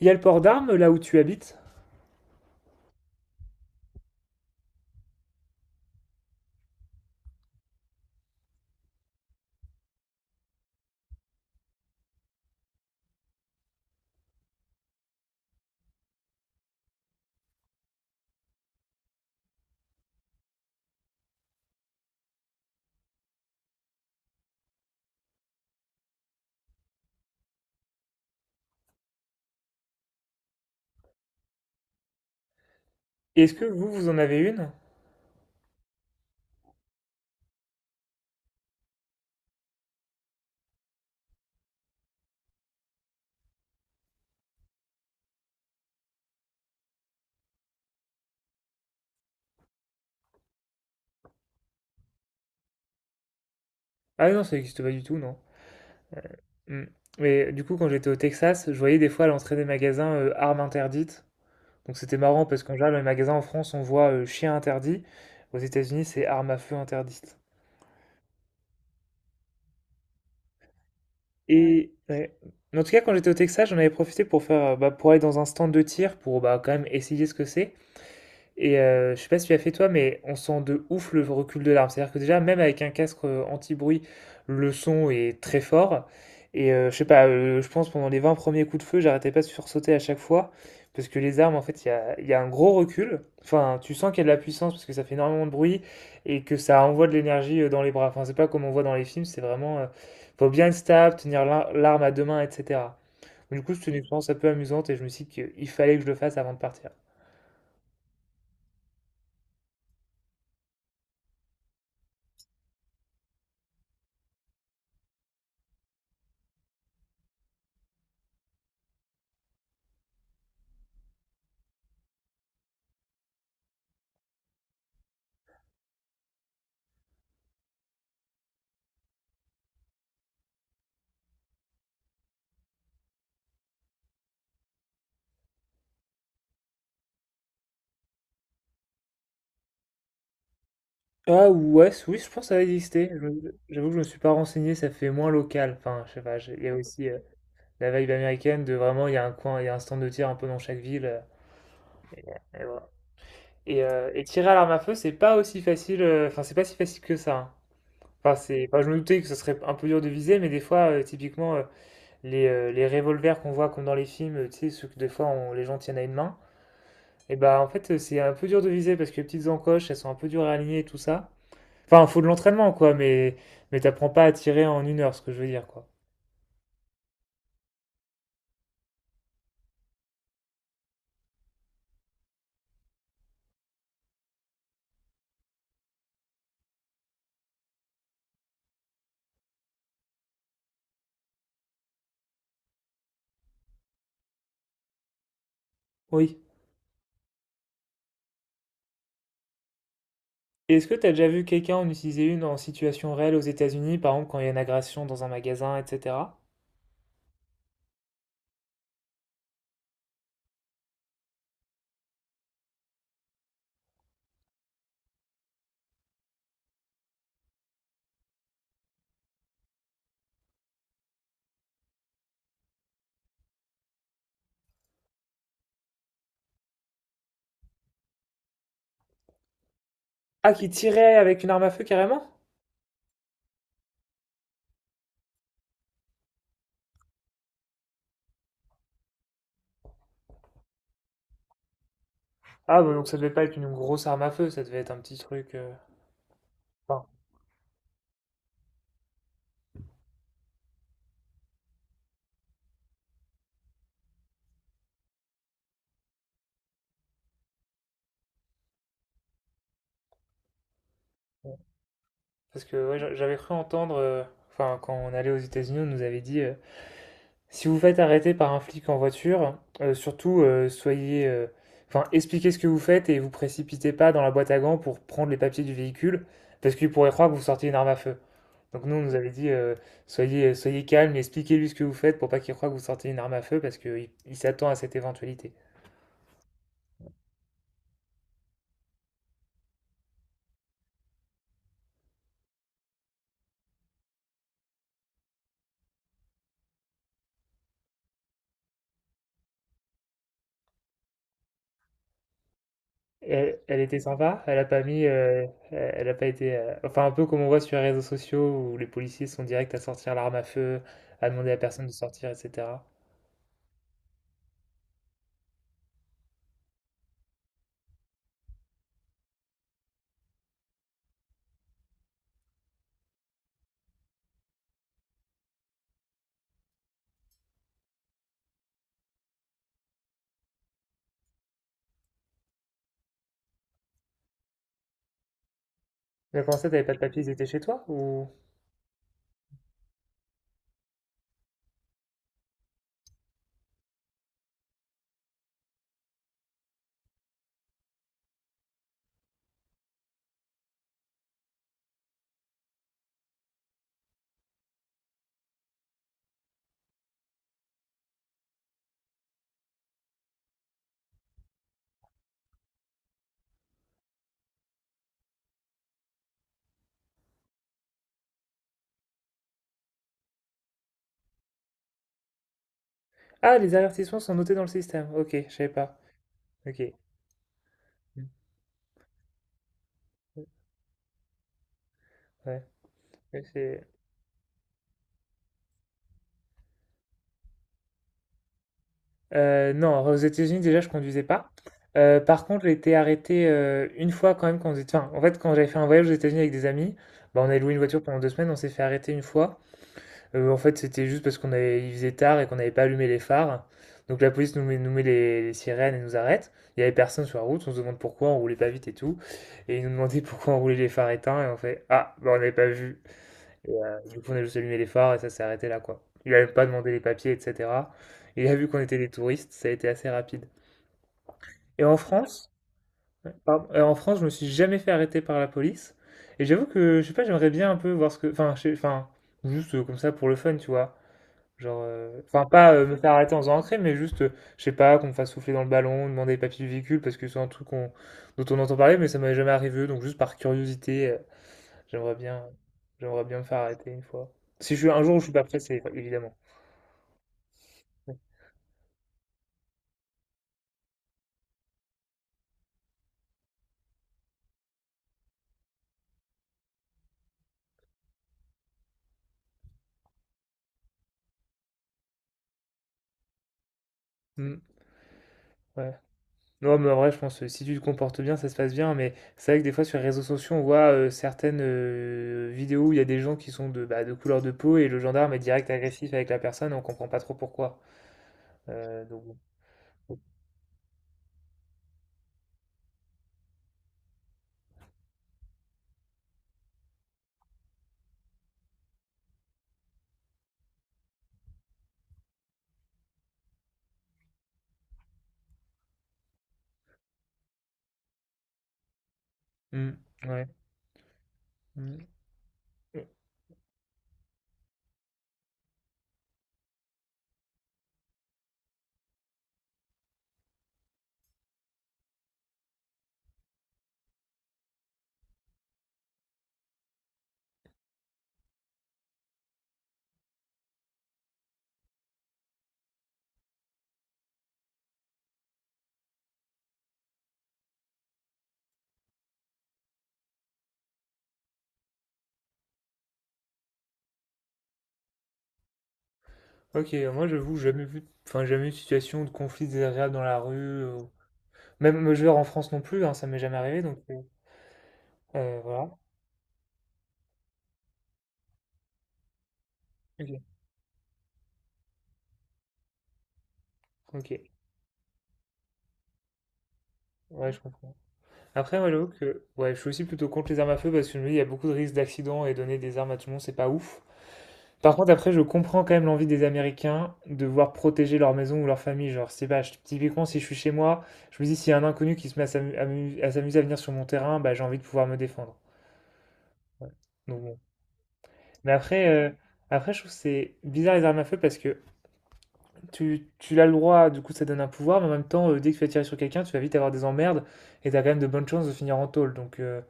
Il y a le port d'armes là où tu habites? Est-ce que vous, vous en avez une? Ah non, ça n'existe pas du tout, non. Hmm. Mais du coup, quand j'étais au Texas, je voyais des fois à l'entrée des magasins, armes interdites. Donc c'était marrant parce qu'en général, dans les magasins en France, on voit, chien interdit. Aux États-Unis, c'est armes à feu interdites. Et ouais. En tout cas, quand j'étais au Texas, j'en avais profité pour faire, bah, pour aller dans un stand de tir pour bah, quand même essayer ce que c'est. Et je sais pas si tu as fait toi, mais on sent de ouf le recul de l'arme. C'est-à-dire que déjà, même avec un casque anti-bruit, le son est très fort. Et je sais pas, je pense pendant les 20 premiers coups de feu, j'arrêtais pas de sursauter à chaque fois. Parce que les armes, en fait, il y a un gros recul. Enfin, tu sens qu'il y a de la puissance parce que ça fait énormément de bruit et que ça envoie de l'énergie, dans les bras. Enfin, c'est pas comme on voit dans les films, c'est vraiment, faut bien être stable, tenir l'arme à deux mains, etc. Du coup, c'était une expérience un peu amusante et je me suis dit qu'il fallait que je le fasse avant de partir. Ah ouais, oui, je pense que ça va exister. J'avoue que je me suis pas renseigné, ça fait moins local. Enfin, je sais pas, il y a aussi la vibe américaine de vraiment, il y a un coin, il y a un stand de tir un peu dans chaque ville, et voilà. Et tirer à l'arme à feu, c'est pas aussi facile, enfin, c'est pas si facile que ça, hein. Enfin, enfin, je me doutais que ce serait un peu dur de viser, mais des fois, typiquement, les revolvers qu'on voit comme dans les films, tu sais, ceux que des fois les gens tiennent à une main, et bah en fait, c'est un peu dur de viser parce que les petites encoches, elles sont un peu dures à aligner et tout ça. Enfin, faut de l'entraînement, quoi, mais t'apprends pas à tirer en 1 heure, ce que je veux dire, quoi. Oui. Et est-ce que t'as déjà vu quelqu'un en utiliser une en situation réelle aux États-Unis, par exemple quand il y a une agression dans un magasin, etc.? Ah, qui tirait avec une arme à feu carrément? Ah, bah donc ça devait pas être une grosse arme à feu, ça devait être un petit truc, enfin, bon. Parce que ouais, j'avais cru entendre, enfin, quand on allait aux États-Unis, on nous avait dit, si vous faites arrêter par un flic en voiture, surtout soyez, enfin, expliquez ce que vous faites et vous précipitez pas dans la boîte à gants pour prendre les papiers du véhicule, parce qu'il pourrait croire que vous sortiez une arme à feu. Donc nous, on nous avait dit, soyez, soyez calme, expliquez-lui ce que vous faites pour pas qu'il croie que vous sortez une arme à feu, parce qu'il s'attend à cette éventualité. Elle, elle était sympa, elle a pas mis, elle a pas été, enfin un peu comme on voit sur les réseaux sociaux où les policiers sont directs à sortir l'arme à feu, à demander à la personne de sortir, etc. Mais comment ça, t'avais pas de papiers, ils étaient chez toi ou... Ah, les avertissements sont notés dans le système. Ok, je savais pas. Ok. Mm. Ouais. ouais, c'est- non, aux États-Unis, déjà, je conduisais pas. Par contre, j'ai été arrêté une fois quand même quand enfin, en fait, quand j'avais fait un voyage aux États-Unis avec des amis, bah, on avait loué une voiture pendant 2 semaines, on s'est fait arrêter une fois. En fait, c'était juste parce qu'on avait... il faisait tard et qu'on n'avait pas allumé les phares. Donc la police nous met les sirènes et nous arrête. Il y avait personne sur la route, on se demande pourquoi, on roulait pas vite et tout. Et ils nous demandaient pourquoi on roulait les phares éteints et on fait: «Ah, bah, on n'avait pas vu.» Et, du coup, on a juste allumé les phares et ça s'est arrêté là, quoi. Il a même pas demandé les papiers, etc. Il a vu qu'on était des touristes, ça a été assez rapide. Et en France, pardon, en France, je me suis jamais fait arrêter par la police. Et j'avoue que, je sais pas, j'aimerais bien un peu voir ce que, enfin, enfin, juste comme ça pour le fun, tu vois. Genre, enfin, pas me faire arrêter en faisant un crime, mais juste, je sais pas, qu'on me fasse souffler dans le ballon, demander les papiers du véhicule, parce que c'est un truc dont on entend parler, mais ça m'avait jamais arrivé, donc juste par curiosité, j'aimerais bien, j'aimerais bien me faire arrêter une fois. Si je suis un jour, je suis pas prêt, c'est évidemment. Mm, ouais. Non, mais en vrai, je pense que si tu te comportes bien, ça se passe bien. Mais c'est vrai que des fois, sur les réseaux sociaux, on voit certaines vidéos où il y a des gens qui sont de couleur de peau et le gendarme est direct agressif avec la personne et on comprend pas trop pourquoi. Donc, bon. Mm, ouais. Mm. Ok, moi j'avoue, jamais vu, enfin jamais eu de situation de conflit désagréable dans la rue, même je veux dire, en France non plus, hein, ça m'est jamais arrivé, donc voilà. Ok. Ok, ouais, je comprends. Après, moi j'avoue que ouais, je suis aussi plutôt contre les armes à feu parce que je me dis, il y a beaucoup de risques d'accidents et donner des armes à tout le monde, c'est pas ouf. Par contre, après, je comprends quand même l'envie des Américains de voir protéger leur maison ou leur famille. Genre, c'est pas, typiquement, si je suis chez moi, je me dis, s'il y a un inconnu qui se met à s'amuser à venir sur mon terrain, bah j'ai envie de pouvoir me défendre. Ouais. Donc, bon. Mais après, je trouve que c'est bizarre les armes à feu parce que tu l'as le droit, du coup ça donne un pouvoir, mais en même temps, dès que tu vas tirer sur quelqu'un, tu vas vite avoir des emmerdes et t'as quand même de bonnes chances de finir en tôle. Donc, euh,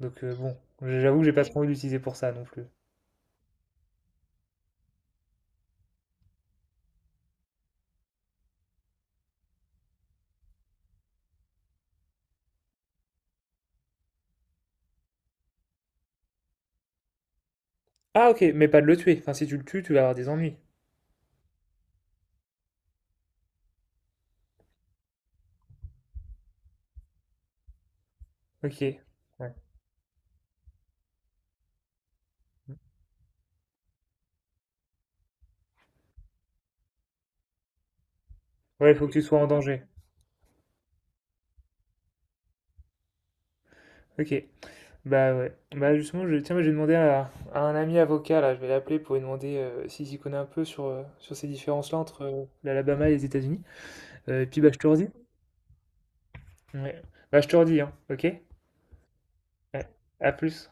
donc euh, bon, j'avoue que j'ai pas trop envie de l'utiliser pour ça non plus. Ah ok, mais pas de le tuer. Enfin, si tu le tues, tu vas avoir des ennuis. Ok. Ouais, ouais, il faut que tu sois en danger. Ok. Bah ouais. Bah justement, tiens, moi, j'ai demandé à un ami avocat, là, je vais l'appeler pour lui demander s'il s'y connaît un peu sur ces différences-là entre l'Alabama et les États-Unis. Et puis bah je te redis. Ouais. Bah, je te redis, hein, ok? Ouais. À plus.